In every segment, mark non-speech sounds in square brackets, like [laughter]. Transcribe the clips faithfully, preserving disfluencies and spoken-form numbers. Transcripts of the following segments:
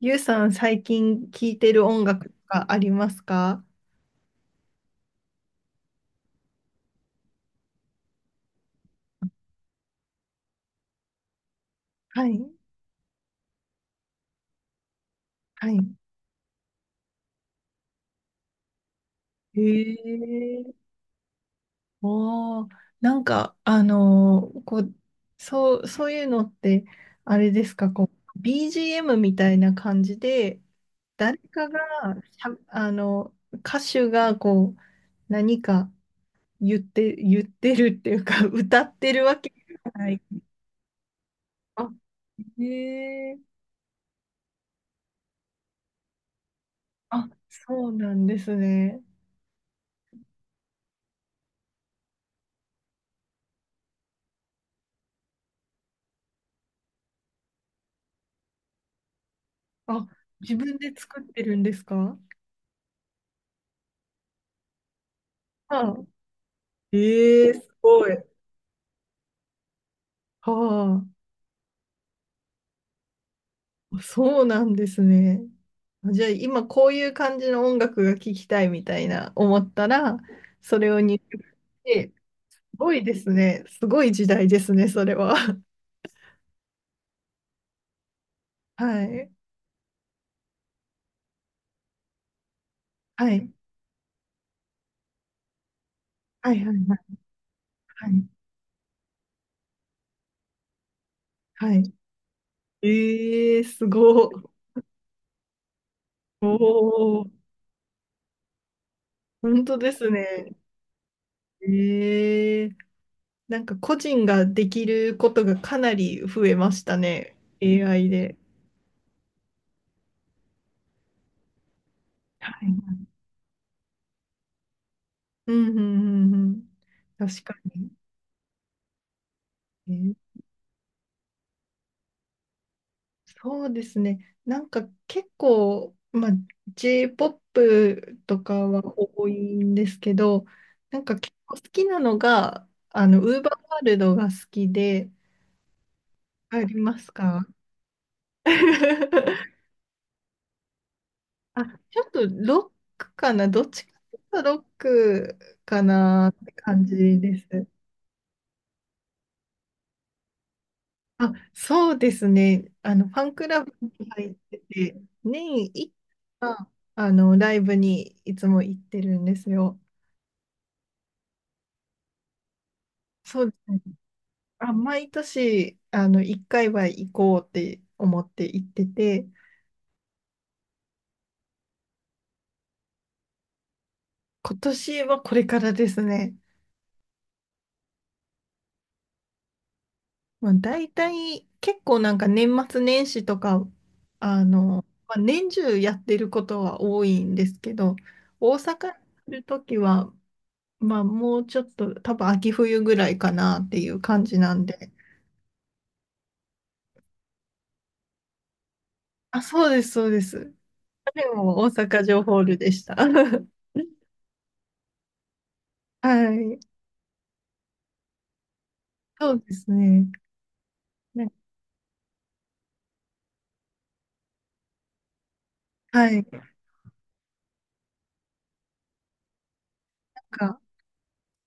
ゆうさん、最近聴いてる音楽とかありますか？はい。はい。へえ。おー、なんか、あのーこう、そう、そういうのって、あれですか？こう、ビージーエム みたいな感じで、誰かがしゃ、あの、歌手が、こう、何か言って、言ってるっていうか、[laughs] 歌ってるわけじゃない。あ、へえ。あ、そうなんですね。あ、自分で作ってるんですか？はええすごい。は、あ、そうなんですね。じゃあ今こういう感じの音楽が聴きたいみたいな思ったら、それを入力して、すごいですね。すごい時代ですね、それは。[laughs] はい。はい。はい。はい。はいはい。はい。ええすごい。おお、本当ですね。ええなんか個人ができることがかなり増えましたね。エーアイ で。はい。うんうんうんうん。確かに。えーそうですね。なんか結構、まあ、J-ポップ とかは多いんですけど、なんか結構好きなのが、あの、ウーバーワールドが好きで、ありますか？ [laughs] あ、ちょっとロックかな、どっちかというとロックかなって感じです。あ、そうですね。あの、ファンクラブに入ってて、年一回、あの、ライブにいつも行ってるんですよ。そうですね。あ、毎年、あの、一回は行こうって思って行ってて、今年はこれからですね。まあ、大体、結構なんか年末年始とか、あの、まあ、年中やってることは多いんですけど、大阪にいるときは、まあ、もうちょっと、多分秋冬ぐらいかなっていう感じなんで。あ、そうです、そうです。でも、大阪城ホールでした。[laughs] はい。そうですね。ね、はい。なんか、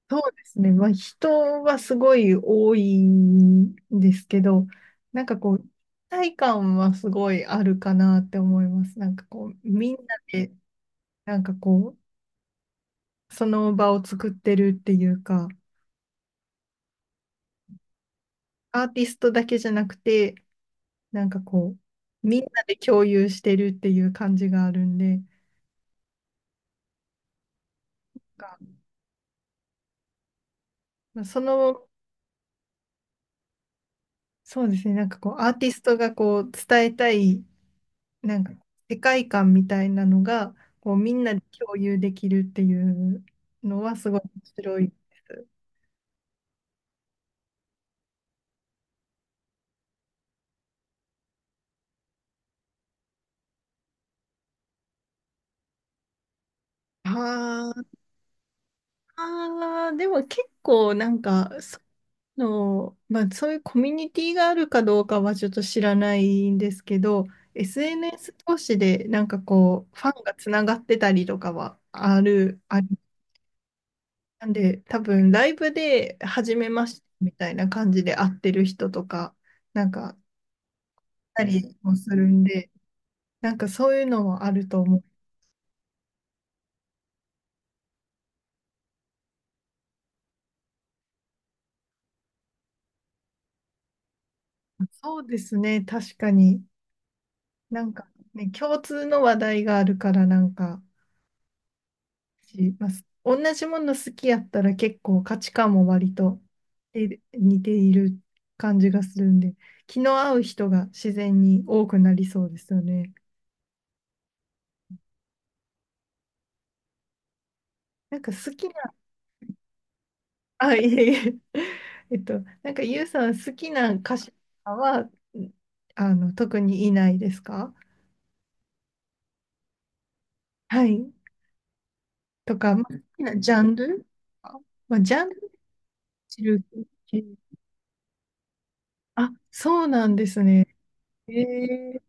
そうですね。まあ、人はすごい多いんですけど、なんかこう、一体感はすごいあるかなって思います。なんかこう、みんなで、なんかこう、その場を作ってるっていうか、アーティストだけじゃなくて、なんかこう、みんなで共有してるっていう感じがあるんで、がまあその、そうですね、なんかこう、アーティストがこう、伝えたい、なんか世界観みたいなのが、こう、みんなで共有できるっていうのはすごい面白いです。あーあー、でも結構なんか、の、まあ、そういうコミュニティがあるかどうかはちょっと知らないんですけど、エスエヌエス 同士でなんかこう、ファンがつながってたりとかはある、ありなんで、多分ライブで初めましてみたいな感じで会ってる人とか、なんか、たりもするんで、なんかそういうのはあると思う。そうですね、確かに。なんかね、共通の話題があるから、なんか、します。同じもの好きやったら結構価値観も割とえ似ている感じがするんで、気の合う人が自然に多くなりそうですよね。なんか好きな、あ、いえいえ、[laughs] えっと、なんかゆうさん好きな歌手とかは、あの、特にいないですか？はい。とか、まあ、好きなジャンルあまあ、ジャンル知る。あ、そうなんですね。えー、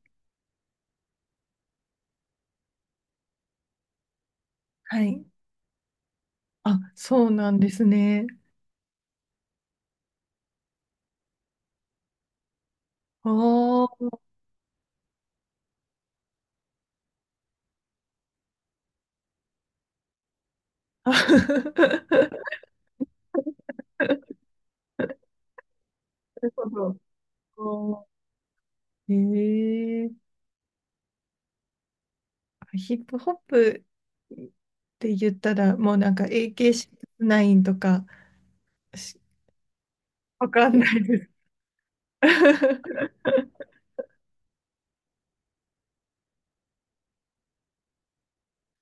はい。あ、そうなんですね。ああ。[laughs] なるほど。ええーヒップホップって言ったら、もうなんか a k イナインとかし、わかんないです。[laughs]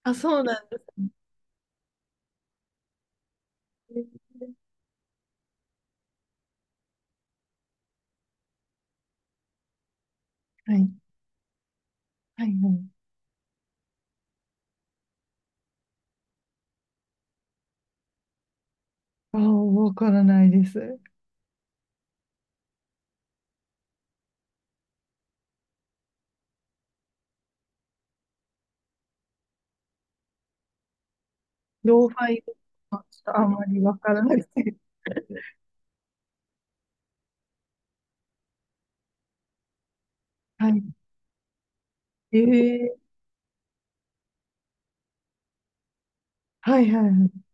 あ、そうなんですね。はい、はい、はい。ああ、わからないです。ローファイはちょっとあんまりわからないです。はい。ええはい、はい、はい。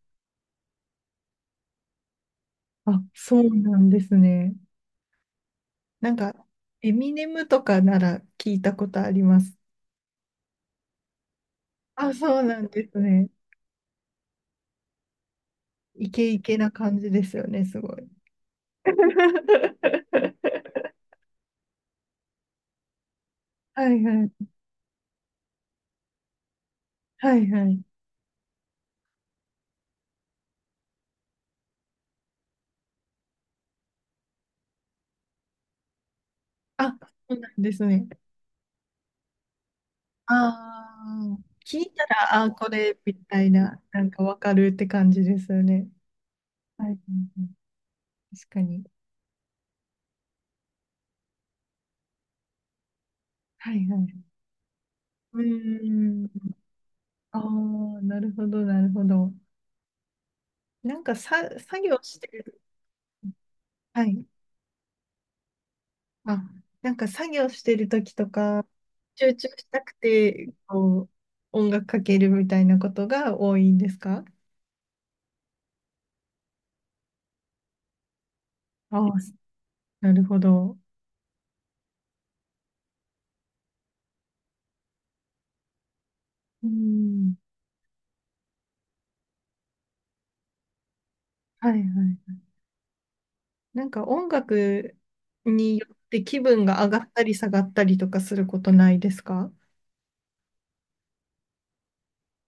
あ、そうなんですね。なんか、エミネムとかなら聞いたことあります。あ、そうなんですね。イケイケな感じですよね、すごい。[laughs] はいはい。はいはい。あ、そうなんですね。ああ、聞いたら、ああこれ、みたいな、なんかわかるって感じですよね。はいはいはい。確かに。はいはい。うーん。ああ、なるほど、なるほど。なんかさ、作業してる。はい。あ、なんか作業してる時とか、集中したくて、こう、音楽かけるみたいなことが多いんですか？ああ、なるほど。うん。はいはい。なんか音楽によって気分が上がったり下がったりとかすることないですか？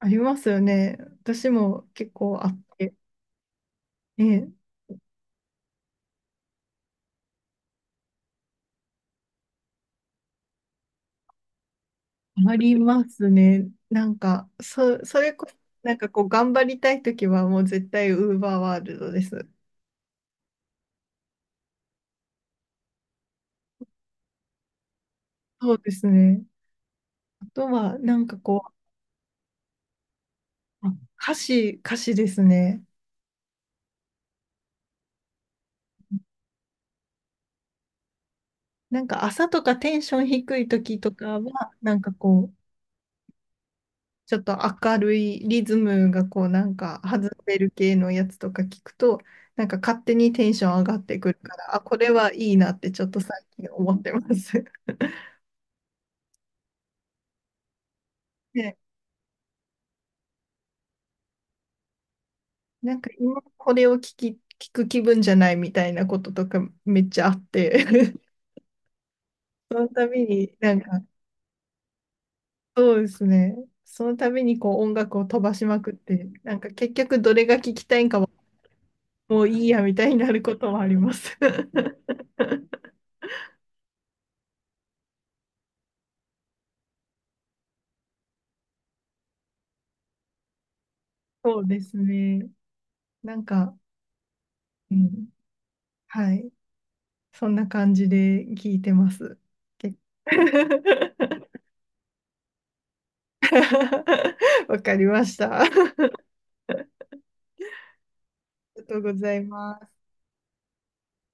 ありますよね。私も結構あって。えありますね。なんか、そ、それこそ、なんかこう、頑張りたいときはもう絶対ウーバーワールドです。そうですね。あとは、なんかこう、あ歌詞、歌詞ですね。なんか朝とかテンション低い時とかは、なんかこう、ちょっと明るいリズムがこう、なんか外れる系のやつとか聞くと、なんか勝手にテンション上がってくるから、あ、これはいいなってちょっと最近思ってます。[laughs] で、なんか今これを聞き、聞く気分じゃないみたいなこととかめっちゃあって、[laughs] その度になんかそうですね。そのためにこう音楽を飛ばしまくって、なんか結局どれが聞きたいんかはもういいやみたいになることもあります。[laughs] そうですね。なんか、うん、はい。そんな感じで聞いてます。け [laughs] わかりました。[laughs] ありがとうございます。